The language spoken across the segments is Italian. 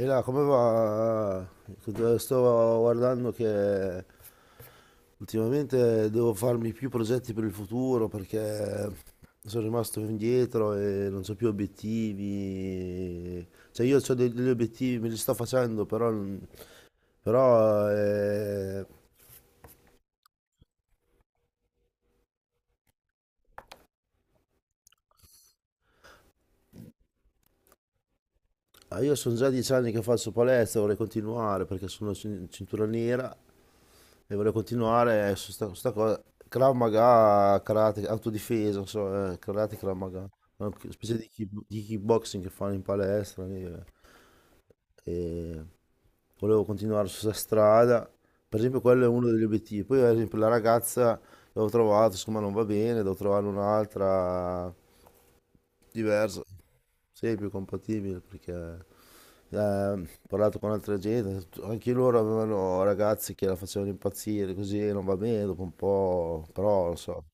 E là, come va? Sto guardando che ultimamente devo farmi più progetti per il futuro perché sono rimasto indietro e non ho più obiettivi. Cioè io ho degli obiettivi, me li sto facendo, però, io sono già 10 anni che faccio palestra, vorrei continuare perché sono cintura nera e volevo continuare su sta cosa. Krav Maga, karate, autodifesa, non so, karate, Krav Maga. Una specie di, di kickboxing che fanno in palestra lì, eh. E volevo continuare su questa strada. Per esempio, quello è uno degli obiettivi. Poi, ad esempio, la ragazza l'ho trovato, insomma, non va bene, devo trovare un'altra. Diverso. Sì, è più compatibile perché ho parlato con altra gente, anche loro avevano ragazzi che la facevano impazzire, così non va bene dopo un po', però non so,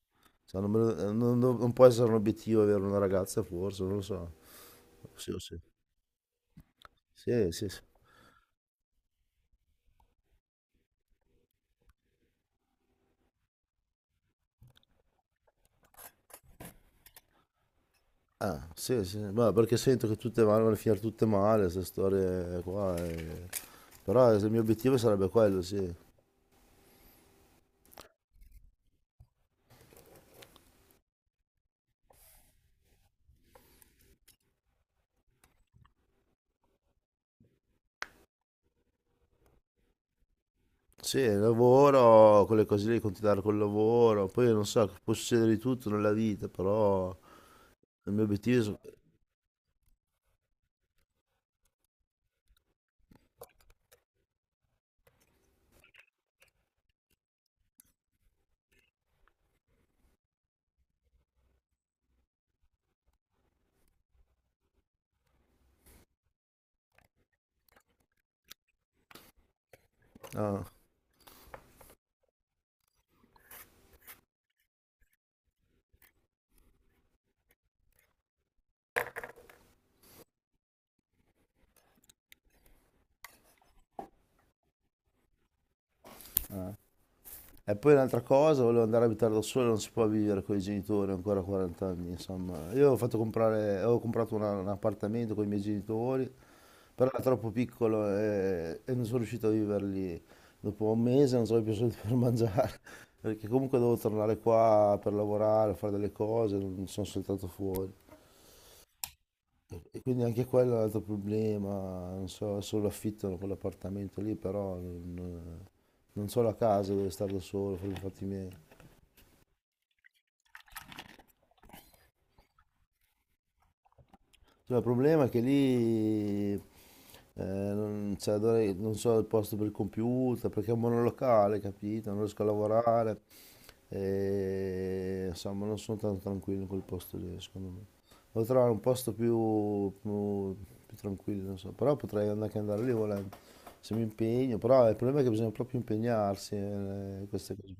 cioè, non, me lo- non- non- non può essere un obiettivo avere una ragazza forse, non lo so. Sì, sì, sì, sì, sì. Ah, sì, sì, ma perché sento che tutte vanno a finire tutte male, queste storie qua, eh. Però il mio obiettivo sarebbe quello, sì. Sì, il lavoro, quelle cose lì, continuare col lavoro, poi non so, può succedere di tutto nella vita, però il mio obiettivo è, ah. E poi un'altra cosa, volevo andare a abitare da solo, non si può vivere con i genitori ancora a 40 anni, insomma. Io ho fatto comprare, avevo comprato un appartamento con i miei genitori, però era troppo piccolo e non sono riuscito a vivere lì. Dopo un mese non avevo più soldi per mangiare, perché comunque dovevo tornare qua per lavorare, fare delle cose, non sono saltato fuori. E quindi anche quello è un altro problema, non so, solo affittano quell'appartamento lì, però non so la casa dove stare da solo, per i fatti miei. No, il problema è che lì non, cioè, non so il posto per il computer, perché è un monolocale, capito? Non riesco a lavorare. E, insomma, non sono tanto tranquillo in quel posto lì, secondo me. Devo trovare un posto più tranquillo, non so. Però potrei anche andare lì volendo, se mi impegno. Però il problema è che bisogna proprio impegnarsi in queste cose.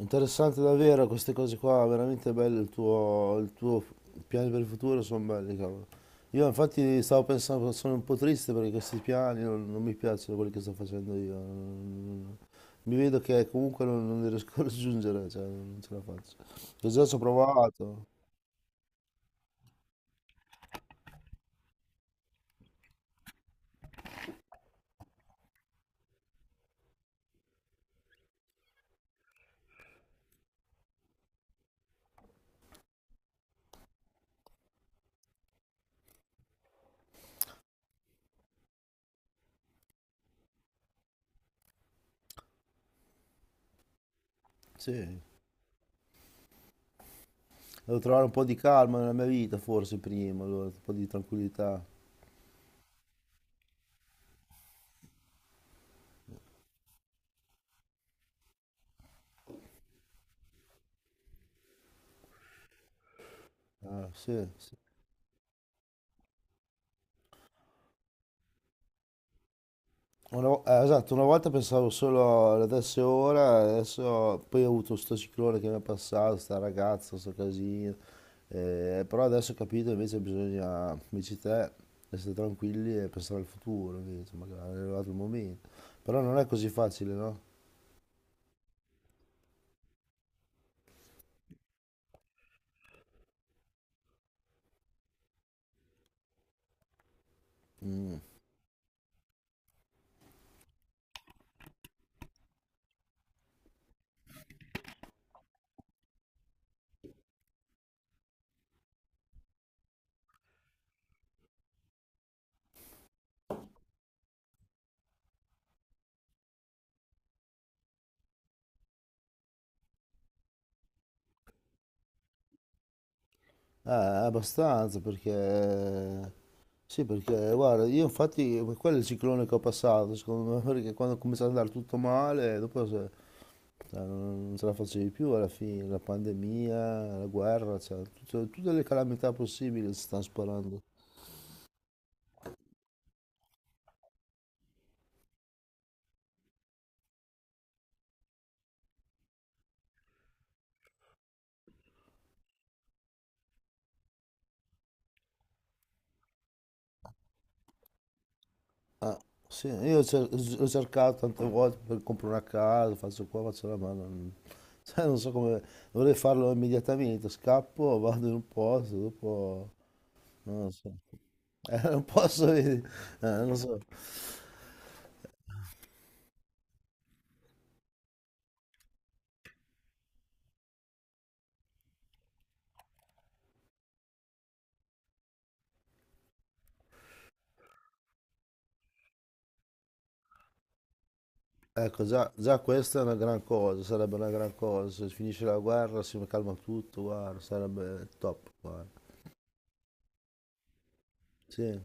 Interessante davvero queste cose qua, veramente bello il tuo, piani per il futuro sono belli, cavolo. Io infatti stavo pensando, sono un po' triste perché questi piani non mi piacciono quelli che sto facendo io. Mi vedo che comunque non li riesco a raggiungere, cioè non ce la faccio. Io già ci ho provato, sì. Devo trovare un po' di calma nella mia vita forse prima, allora, un po' di tranquillità. Ah, sì, sì. Esatto, una volta pensavo solo adesso e ora, adesso poi ho avuto sto ciclone che mi è passato, sta ragazza, sto casino, però adesso ho capito invece bisogna, come dici te, essere tranquilli e pensare al futuro, invece, magari è arrivato il momento. Però non è così facile, no? Mm. Abbastanza perché. Sì, perché guarda, io infatti quello è il ciclone che ho passato, secondo me, perché quando ho cominciato ad andare tutto male, dopo Cioè, non ce la facevi più alla fine, la pandemia, la guerra, cioè, tutte le calamità possibili si stanno sparando. Ah, sì, io ho cercato tante volte per comprare una casa, faccio qua, faccio là, ma non, cioè, non so come, dovrei farlo immediatamente, scappo, vado in un posto, dopo, non lo so. Non posso, non so. Ecco, già, già questa è una gran cosa, sarebbe una gran cosa, se finisce la guerra si calma tutto, guarda, sarebbe top, guarda. Sì.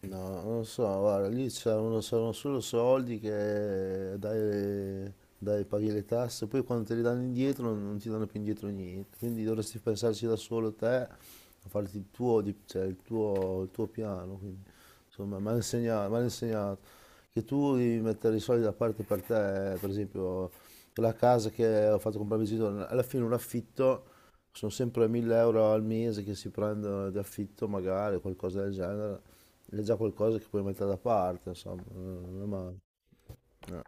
No, non lo so, guarda, lì c'erano solo soldi che dai, paghi le tasse, poi quando te li danno indietro non ti danno più indietro niente, quindi dovresti pensarci da solo te, a farti il tuo, cioè, il tuo piano, quindi, insomma, mi hanno insegnato che tu devi mettere i soldi da parte per te, per esempio la casa che ho fatto comprare a mio genitore, alla fine un affitto sono sempre 1.000 euro al mese che si prendono di affitto magari, qualcosa del genere è già qualcosa che puoi mettere da parte, insomma, non è male. Eh,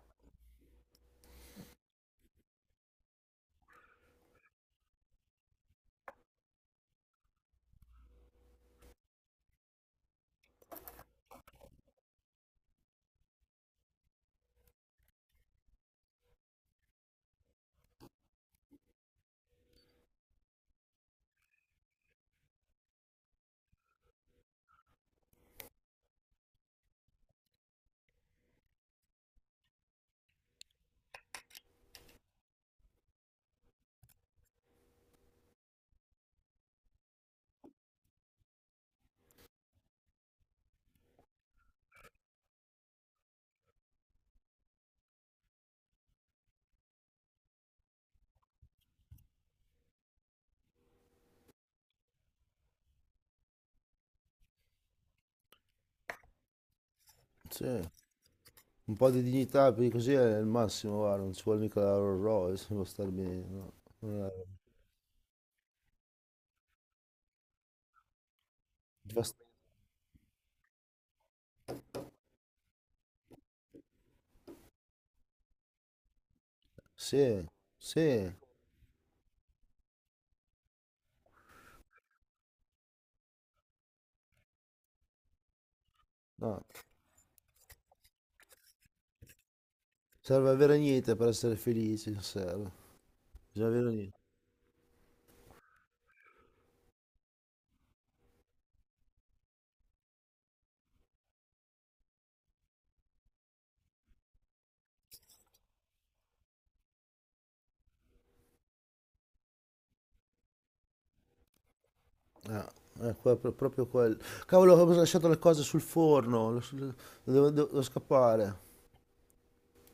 sì. Un po' di dignità, più di così è il massimo, guarda, non ci vuole mica la Rolls Royce, può star bene, no. Non è- basta- Sì, sì, no. Serve avere niente per essere felici, non serve. Bisogna avere niente. Ah, è proprio quello. Cavolo, ho lasciato le cose sul forno, devo scappare.